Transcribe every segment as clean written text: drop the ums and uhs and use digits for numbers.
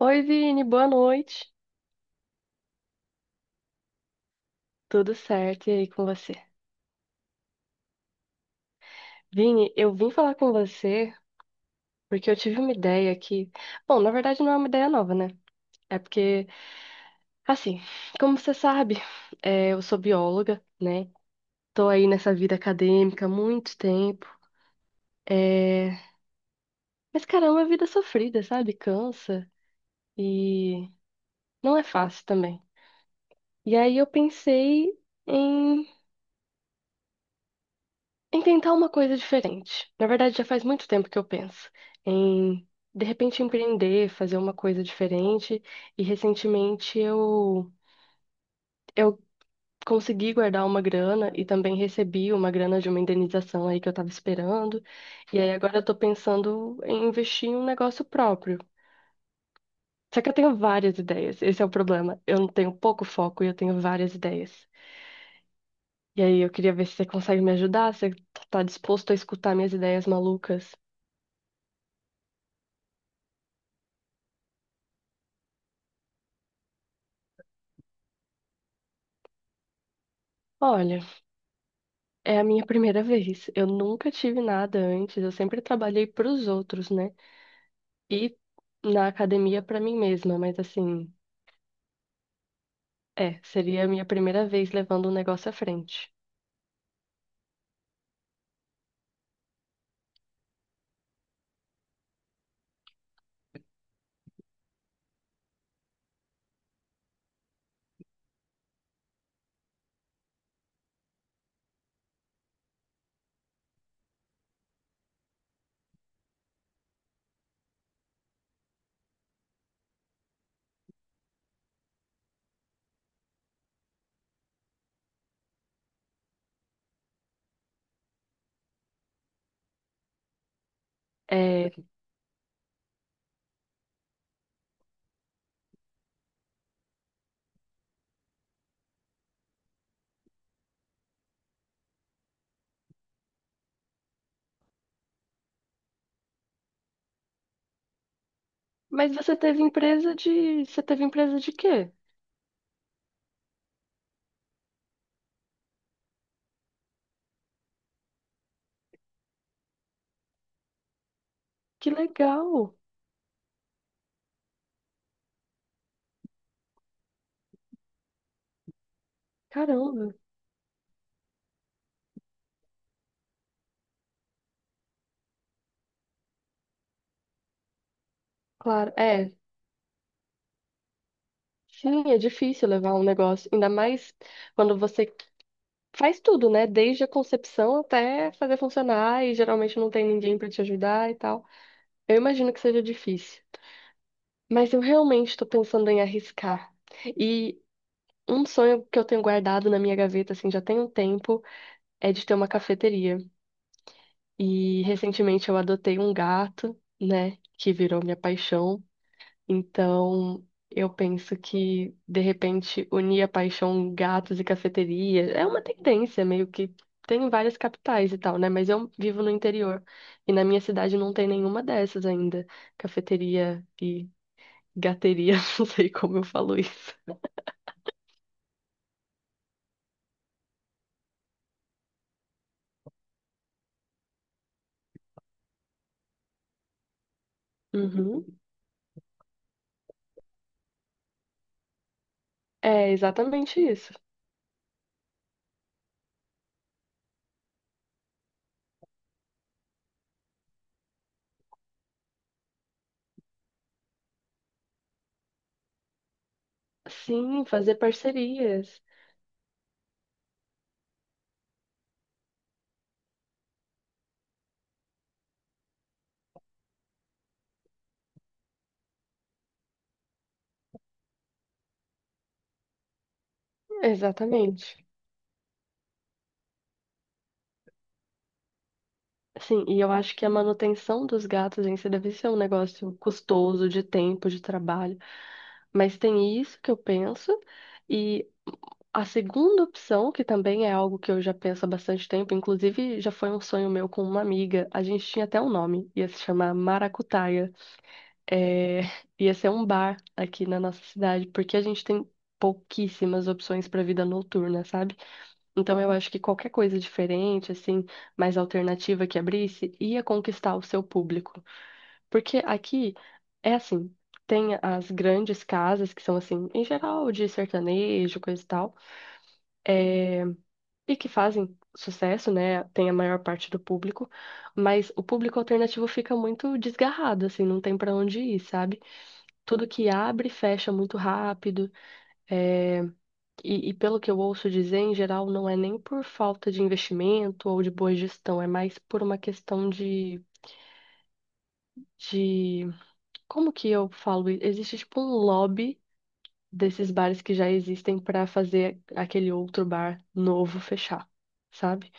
Oi, Vini, boa noite. Tudo certo, e aí com você? Vini, eu vim falar com você porque eu tive uma ideia que, bom, na verdade não é uma ideia nova, né? É porque, assim, como você sabe, é, eu sou bióloga, né? Tô aí nessa vida acadêmica há muito tempo. É... Mas, cara, é uma vida sofrida, sabe? Cansa e não é fácil também. E aí eu pensei em em tentar uma coisa diferente. Na verdade, já faz muito tempo que eu penso em, de repente, empreender, fazer uma coisa diferente. E recentemente eu consegui guardar uma grana e também recebi uma grana de uma indenização aí que eu estava esperando. E aí agora eu tô pensando em investir em um negócio próprio. Só que eu tenho várias ideias, esse é o problema. Eu não tenho pouco foco e eu tenho várias ideias. E aí eu queria ver se você consegue me ajudar, se você tá disposto a escutar minhas ideias malucas. Olha. É a minha primeira vez. Eu nunca tive nada antes. Eu sempre trabalhei pros outros, né? E na academia pra mim mesma. Mas assim, é, seria a minha primeira vez levando o negócio à frente. É, mas você teve empresa de, você teve empresa de quê? Que legal! Caramba! Claro, é. Sim, é difícil levar um negócio, ainda mais quando você faz tudo, né? Desde a concepção até fazer funcionar e geralmente não tem ninguém pra te ajudar e tal. Eu imagino que seja difícil. Mas eu realmente estou pensando em arriscar. E um sonho que eu tenho guardado na minha gaveta, assim, já tem um tempo, é de ter uma cafeteria. E recentemente eu adotei um gato, né, que virou minha paixão. Então eu penso que, de repente, unir a paixão gatos e cafeteria é uma tendência, meio que tem em várias capitais e tal, né? Mas eu vivo no interior e na minha cidade não tem nenhuma dessas ainda. Cafeteria e gateria, não sei como eu falo isso. Uhum. É exatamente isso. Sim, fazer parcerias. Exatamente. Sim, e eu acho que a manutenção dos gatos em si deve ser um negócio custoso de tempo, de trabalho, mas tem isso que eu penso. E a segunda opção, que também é algo que eu já penso há bastante tempo, inclusive já foi um sonho meu com uma amiga, a gente tinha até um nome, ia se chamar Maracutaia. É, ia ser um bar aqui na nossa cidade, porque a gente tem pouquíssimas opções para vida noturna, sabe? Então eu acho que qualquer coisa diferente, assim, mais alternativa que abrisse, ia conquistar o seu público. Porque aqui é assim, tem as grandes casas que são assim, em geral, de sertanejo, coisa e tal, eh, e que fazem sucesso, né? Tem a maior parte do público, mas o público alternativo fica muito desgarrado, assim, não tem pra onde ir, sabe? Tudo que abre fecha muito rápido. eh, e pelo que eu ouço dizer, em geral, não é nem por falta de investimento ou de boa gestão, é mais por uma questão de... Como que eu falo? Existe tipo um lobby desses bares que já existem para fazer aquele outro bar novo fechar, sabe?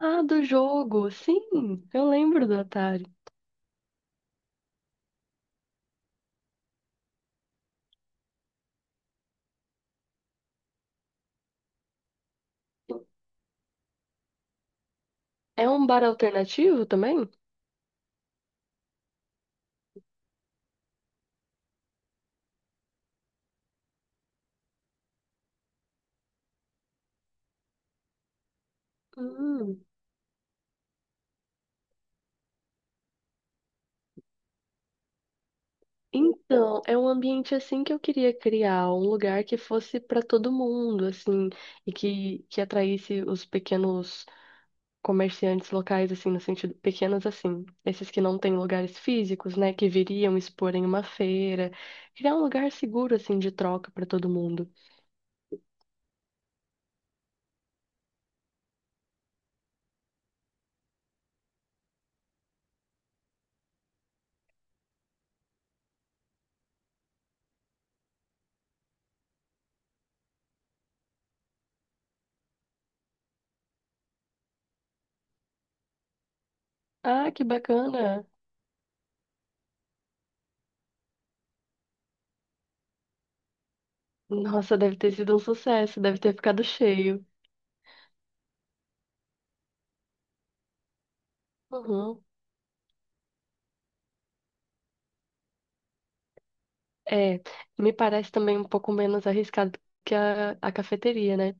Ah, do jogo! Sim, eu lembro do Atari. É um bar alternativo também? Hum. Então, é um ambiente assim que eu queria criar, um lugar que fosse para todo mundo, assim, e que atraísse os pequenos comerciantes locais, assim, no sentido, pequenos assim, esses que não têm lugares físicos, né, que viriam expor em uma feira, criar um lugar seguro, assim, de troca para todo mundo. Ah, que bacana! Nossa, deve ter sido um sucesso, deve ter ficado cheio. Uhum. É, me parece também um pouco menos arriscado que a cafeteria, né?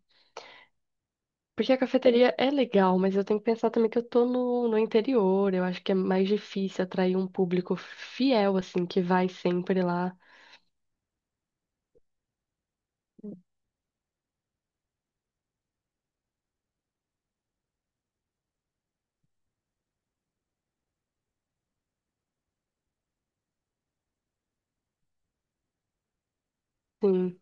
Porque a cafeteria é legal, mas eu tenho que pensar também que eu tô no interior. Eu acho que é mais difícil atrair um público fiel, assim, que vai sempre lá. Sim.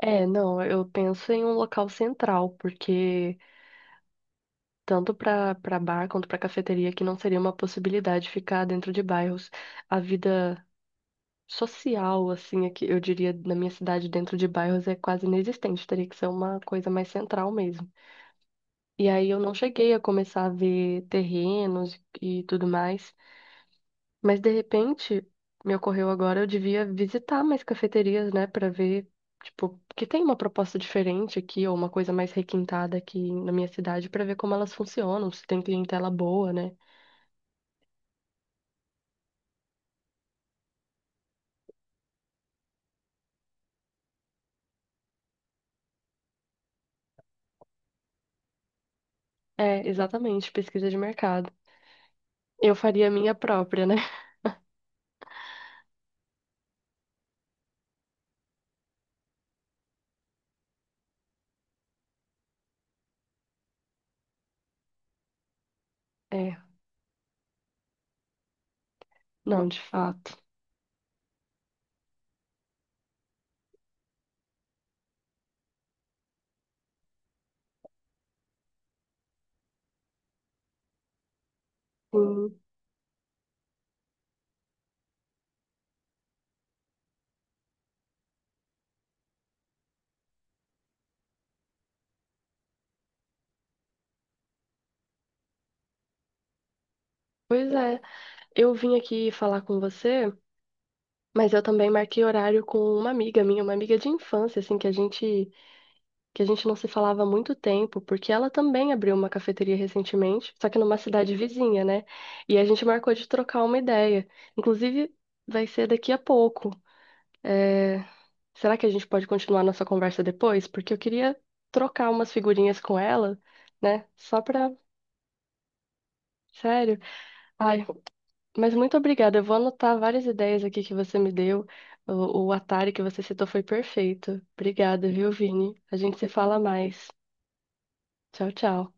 É, não, eu penso em um local central, porque tanto para bar quanto para cafeteria, que não seria uma possibilidade ficar dentro de bairros. A vida social, assim, aqui, eu diria, na minha cidade, dentro de bairros, é quase inexistente, teria que ser uma coisa mais central mesmo. E aí eu não cheguei a começar a ver terrenos e tudo mais, mas de repente me ocorreu agora, eu devia visitar mais cafeterias, né, para ver, tipo, que tem uma proposta diferente aqui, ou uma coisa mais requintada aqui na minha cidade, para ver como elas funcionam, se tem clientela boa, né? É, exatamente, pesquisa de mercado. Eu faria a minha própria, né? É, não, de fato. Sim. Pois é, eu vim aqui falar com você, mas eu também marquei horário com uma amiga minha, uma amiga de infância, assim, que a gente não se falava há muito tempo, porque ela também abriu uma cafeteria recentemente, só que numa cidade vizinha, né? E a gente marcou de trocar uma ideia. Inclusive, vai ser daqui a pouco. É, será que a gente pode continuar nossa conversa depois? Porque eu queria trocar umas figurinhas com ela, né? Só pra. Sério. Ai, mas muito obrigada. Eu vou anotar várias ideias aqui que você me deu. O Atari que você citou foi perfeito. Obrigada, viu, Vini? A gente se fala mais. Tchau, tchau.